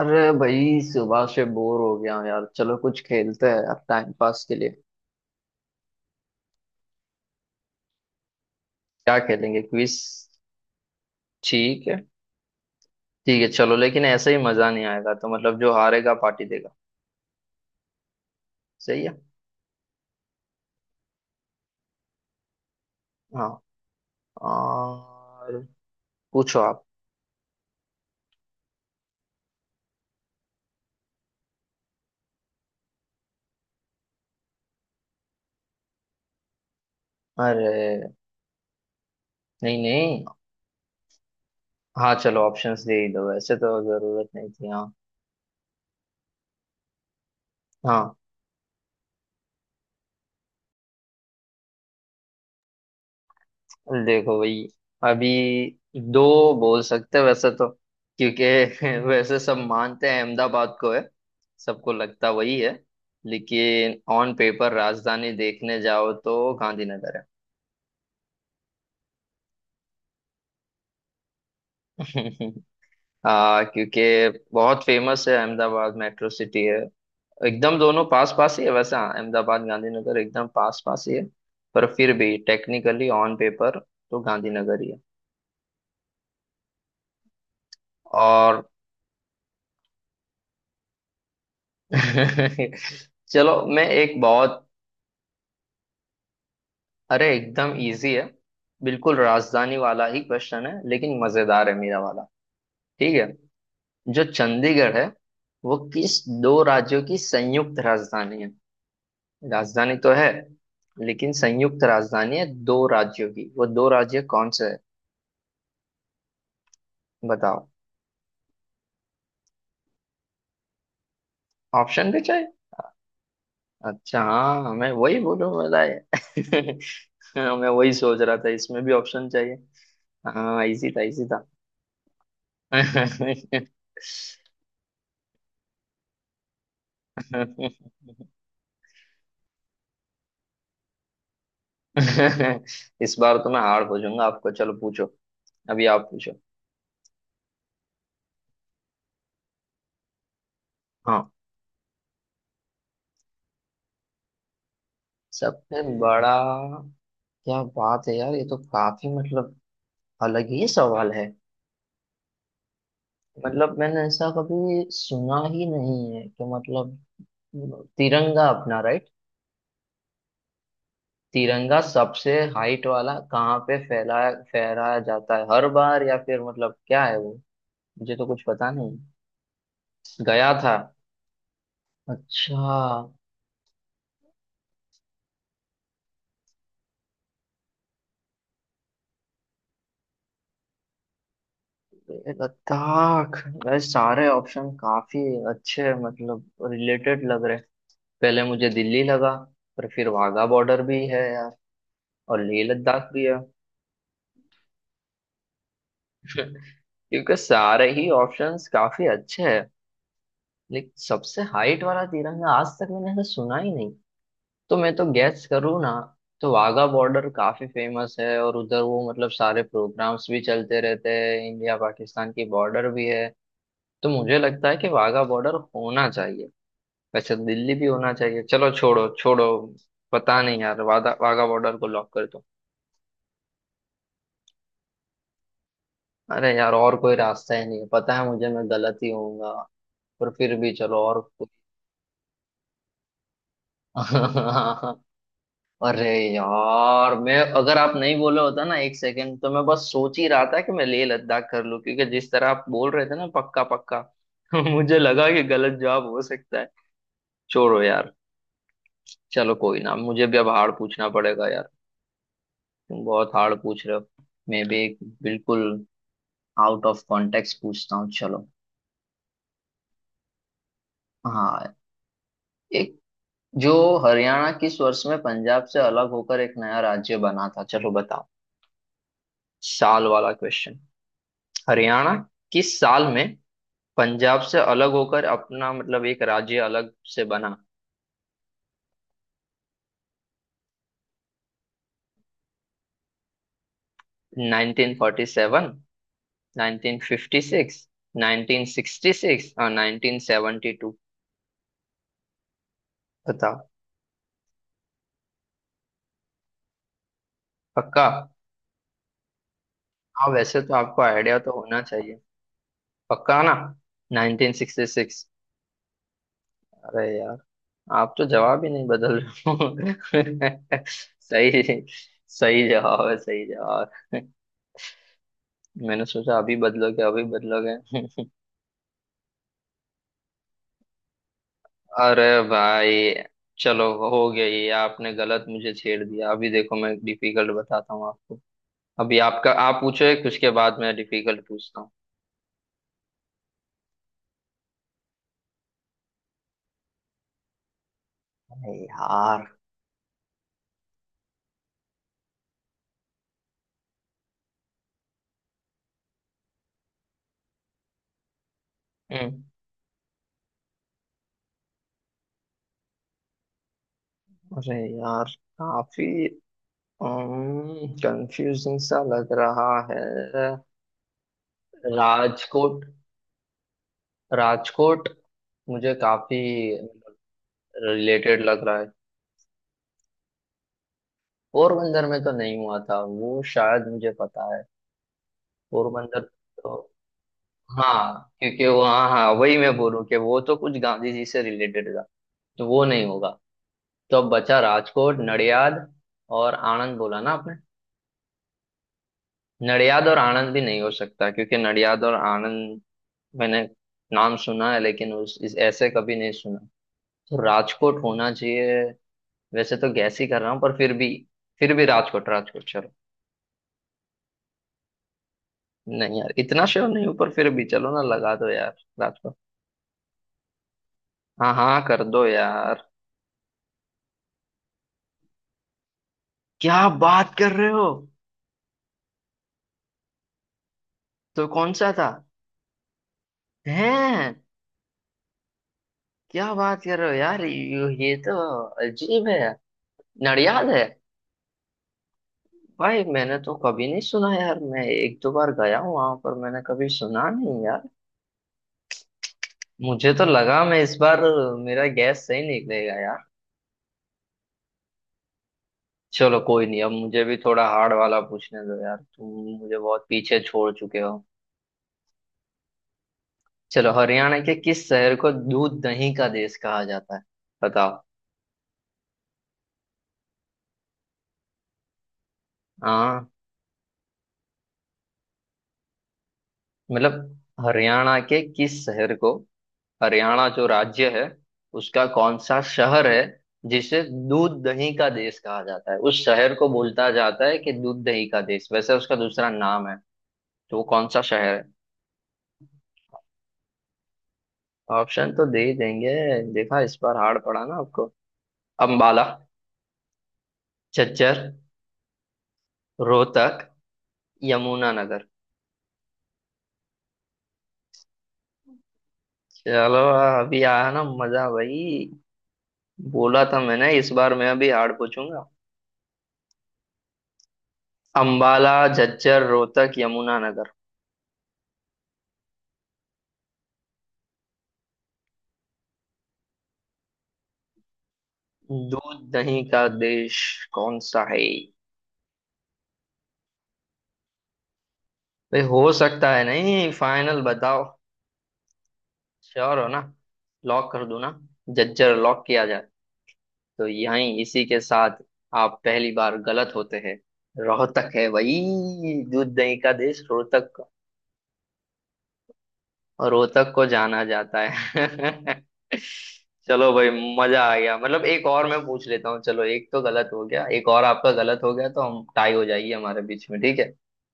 अरे भाई सुबह से बोर हो गया हूँ यार। चलो कुछ खेलते हैं अब टाइम पास के लिए। क्या खेलेंगे, क्विज? ठीक है, ठीक है चलो, लेकिन ऐसे ही मजा नहीं आएगा तो मतलब जो हारेगा पार्टी देगा। सही है, हाँ। और पूछो आप। अरे, नहीं नहीं, हाँ चलो ऑप्शंस दे ही दो वैसे तो जरूरत नहीं थी, हाँ। हाँ। देखो भाई, अभी दो बोल सकते हैं वैसे तो, क्योंकि वैसे सब मानते हैं अहमदाबाद को है। सबको लगता वही है, लेकिन ऑन पेपर राजधानी देखने जाओ तो गांधीनगर है। क्योंकि बहुत फेमस है अहमदाबाद, मेट्रो सिटी है। एकदम दोनों पास पास ही है वैसे, हाँ, अहमदाबाद गांधीनगर एकदम पास पास ही है। पर फिर भी टेक्निकली ऑन पेपर तो गांधीनगर ही है। और चलो मैं एक बहुत। अरे एकदम इजी है, बिल्कुल राजधानी वाला ही क्वेश्चन है, लेकिन मजेदार है मेरा वाला। ठीक है, जो चंडीगढ़ है वो किस दो राज्यों की संयुक्त राजधानी है? राजधानी तो है, लेकिन संयुक्त राजधानी है दो राज्यों की, वो दो राज्य कौन से है? बताओ। ऑप्शन भी चाहिए। अच्छा हाँ, मैं वही बोलूँ बताए। मैं वही सोच रहा था, इसमें भी ऑप्शन चाहिए। हाँ इजी था, इजी था। इस बार तो मैं हार पूछूंगा आपको, चलो पूछो। अभी आप पूछो। हाँ। सबसे बड़ा? क्या बात है यार, ये तो काफी मतलब अलग ही सवाल है। मतलब मैंने ऐसा कभी सुना ही नहीं है कि मतलब तिरंगा अपना, राइट? तिरंगा सबसे हाइट वाला कहाँ पे फैलाया फहराया जाता है हर बार, या फिर मतलब क्या है वो? मुझे तो कुछ पता नहीं। गया था। अच्छा। ये लद्दाख? भाई सारे ऑप्शन काफी अच्छे, मतलब रिलेटेड लग रहे। पहले मुझे दिल्ली लगा, पर फिर वाघा बॉर्डर भी है यार, और लेह लद्दाख भी है। क्योंकि सारे ही ऑप्शंस काफी अच्छे हैं, लेकिन सबसे हाइट वाला तिरंगा आज तक मैंने ऐसा सुना ही नहीं। तो मैं तो गैस करूँ ना, तो वाघा बॉर्डर काफी फेमस है, और उधर वो मतलब सारे प्रोग्राम्स भी चलते रहते हैं, इंडिया पाकिस्तान की बॉर्डर भी है। तो मुझे लगता है कि वाघा बॉर्डर होना चाहिए। वैसे तो दिल्ली भी होना चाहिए, चलो छोड़ो छोड़ो। पता नहीं यार, वादा वाघा बॉर्डर को लॉक कर दो। अरे यार, और कोई रास्ता ही नहीं है, पता है मुझे मैं गलत ही होऊंगा, पर फिर भी चलो और कोई-। अरे यार, मैं अगर आप नहीं बोले होता ना एक सेकंड तो मैं बस सोच ही रहा था कि मैं लेह लद्दाख कर लूं, क्योंकि जिस तरह आप बोल रहे थे ना पक्का पक्का। मुझे लगा कि गलत जवाब हो सकता है। छोड़ो यार। चलो कोई ना, मुझे भी अब हार्ड पूछना पड़ेगा यार, तुम बहुत हार्ड पूछ रहे हो। मैं भी एक बिल्कुल आउट ऑफ कॉन्टेक्स्ट पूछता हूँ, चलो। हाँ। एक जो, हरियाणा किस वर्ष में पंजाब से अलग होकर एक नया राज्य बना था, चलो बताओ। साल वाला क्वेश्चन। हरियाणा किस साल में पंजाब से अलग होकर अपना मतलब एक राज्य अलग से बना। 1947, 1956, 1966 और 1972। बताओ। पक्का? हाँ वैसे तो आपको आइडिया तो होना चाहिए। पक्का ना? 1966। अरे यार, आप तो जवाब ही नहीं बदल रहे हो। सही। सही जवाब है, सही जवाब है। मैंने सोचा अभी बदलोगे अभी बदलोगे। अरे भाई, चलो हो गया, ये आपने गलत मुझे छेड़ दिया, अभी देखो मैं डिफिकल्ट बताता हूँ आपको। अभी आपका, आप पूछो एक, उसके बाद मैं डिफिकल्ट पूछता हूँ। अरे यार। हम्म। अरे यार काफी कंफ्यूजिंग सा लग रहा है। राजकोट, राजकोट मुझे काफी रिलेटेड लग रहा है। पोरबंदर में तो नहीं हुआ था वो, शायद मुझे पता है। पोरबंदर, तो हाँ क्योंकि वो, हाँ हाँ, वही मैं बोलूँ कि वो तो कुछ गांधी जी से रिलेटेड था, तो वो नहीं होगा। तो अब बचा राजकोट, नडियाद और आनंद, बोला ना आपने। नडियाद और आनंद भी नहीं हो सकता, क्योंकि नडियाद और आनंद मैंने नाम सुना है लेकिन उस इस ऐसे कभी नहीं सुना। तो राजकोट होना चाहिए। वैसे तो गैस ही कर रहा हूँ पर फिर भी। फिर भी राजकोट, राजकोट चलो। नहीं यार इतना श्योर नहीं हूँ, पर फिर भी चलो ना लगा दो यार। राजकोट, हाँ हाँ कर दो यार। क्या बात कर रहे हो? तो कौन सा था? हैं? क्या बात कर रहे हो यार, ये तो अजीब है। नडियाद है? भाई मैंने तो कभी नहीं सुना यार, मैं एक दो बार गया हूँ वहां पर, मैंने कभी सुना नहीं यार। मुझे तो लगा मैं इस बार मेरा गैस सही निकलेगा यार। चलो कोई नहीं, अब मुझे भी थोड़ा हार्ड वाला पूछने दो यार, तुम मुझे बहुत पीछे छोड़ चुके हो। चलो, हरियाणा के किस शहर को दूध दही का देश कहा जाता है? बताओ। हाँ मतलब हरियाणा के किस शहर को, हरियाणा जो राज्य है उसका कौन सा शहर है जिसे दूध दही का देश कहा जाता है? उस शहर को बोलता जाता है कि दूध दही का देश, वैसे उसका दूसरा नाम है, तो वो कौन सा शहर है? ऑप्शन तो दे ही देंगे। देखा इस बार हार्ड पड़ा ना आपको। अम्बाला, झज्जर, रोहतक, यमुनानगर। चलो, अभी आया ना मजा भाई, बोला था मैंने इस बार मैं अभी हार्ड पूछूंगा। अंबाला, झज्जर, रोहतक, यमुनानगर। दूध दही का देश कौन सा है? भाई हो सकता है नहीं, फाइनल बताओ। श्योर हो ना? लॉक कर दूं ना? झज्जर लॉक किया जाए? तो यहीं इसी के साथ आप पहली बार गलत होते हैं। रोहतक है भाई, दूध दही का देश रोहतक, रोहतक को जाना जाता है। चलो भाई, मजा आ गया। मतलब एक और मैं पूछ लेता हूँ, चलो, एक तो गलत हो गया, एक और आपका गलत हो गया तो हम टाई हो जाएगी हमारे बीच में, ठीक है।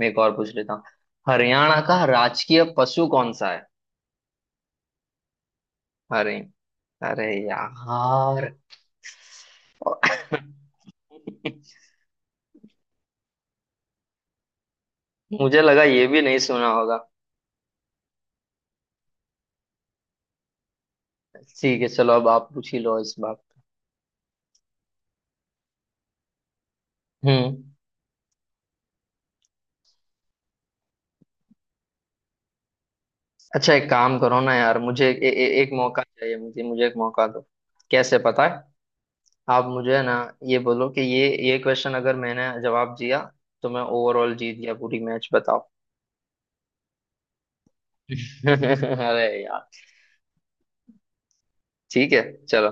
मैं एक और पूछ लेता हूँ। हरियाणा का राजकीय पशु कौन सा है? अरे, अरे यार। मुझे लगा ये भी नहीं सुना होगा। ठीक है चलो अब आप पूछ ही लो इस बात। हम्म। अच्छा एक काम करो ना यार, मुझे ए, ए, एक मौका चाहिए, मुझे मुझे एक मौका दो। कैसे पता है? आप मुझे ना ये बोलो कि ये क्वेश्चन अगर मैंने जवाब दिया तो मैं ओवरऑल जीत गया पूरी मैच, बताओ। अरे यार। ठीक है चलो,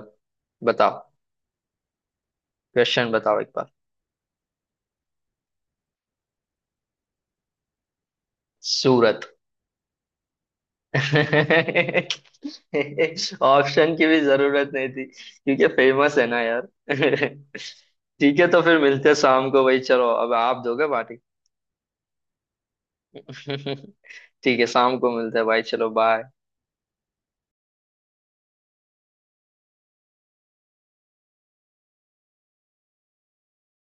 बताओ क्वेश्चन बताओ एक बार। सूरत। ऑप्शन की भी जरूरत नहीं थी क्योंकि फेमस है ना यार। ठीक है तो फिर मिलते हैं शाम को भाई, चलो अब आप दोगे पार्टी। ठीक है शाम को मिलते हैं भाई, चलो बाय।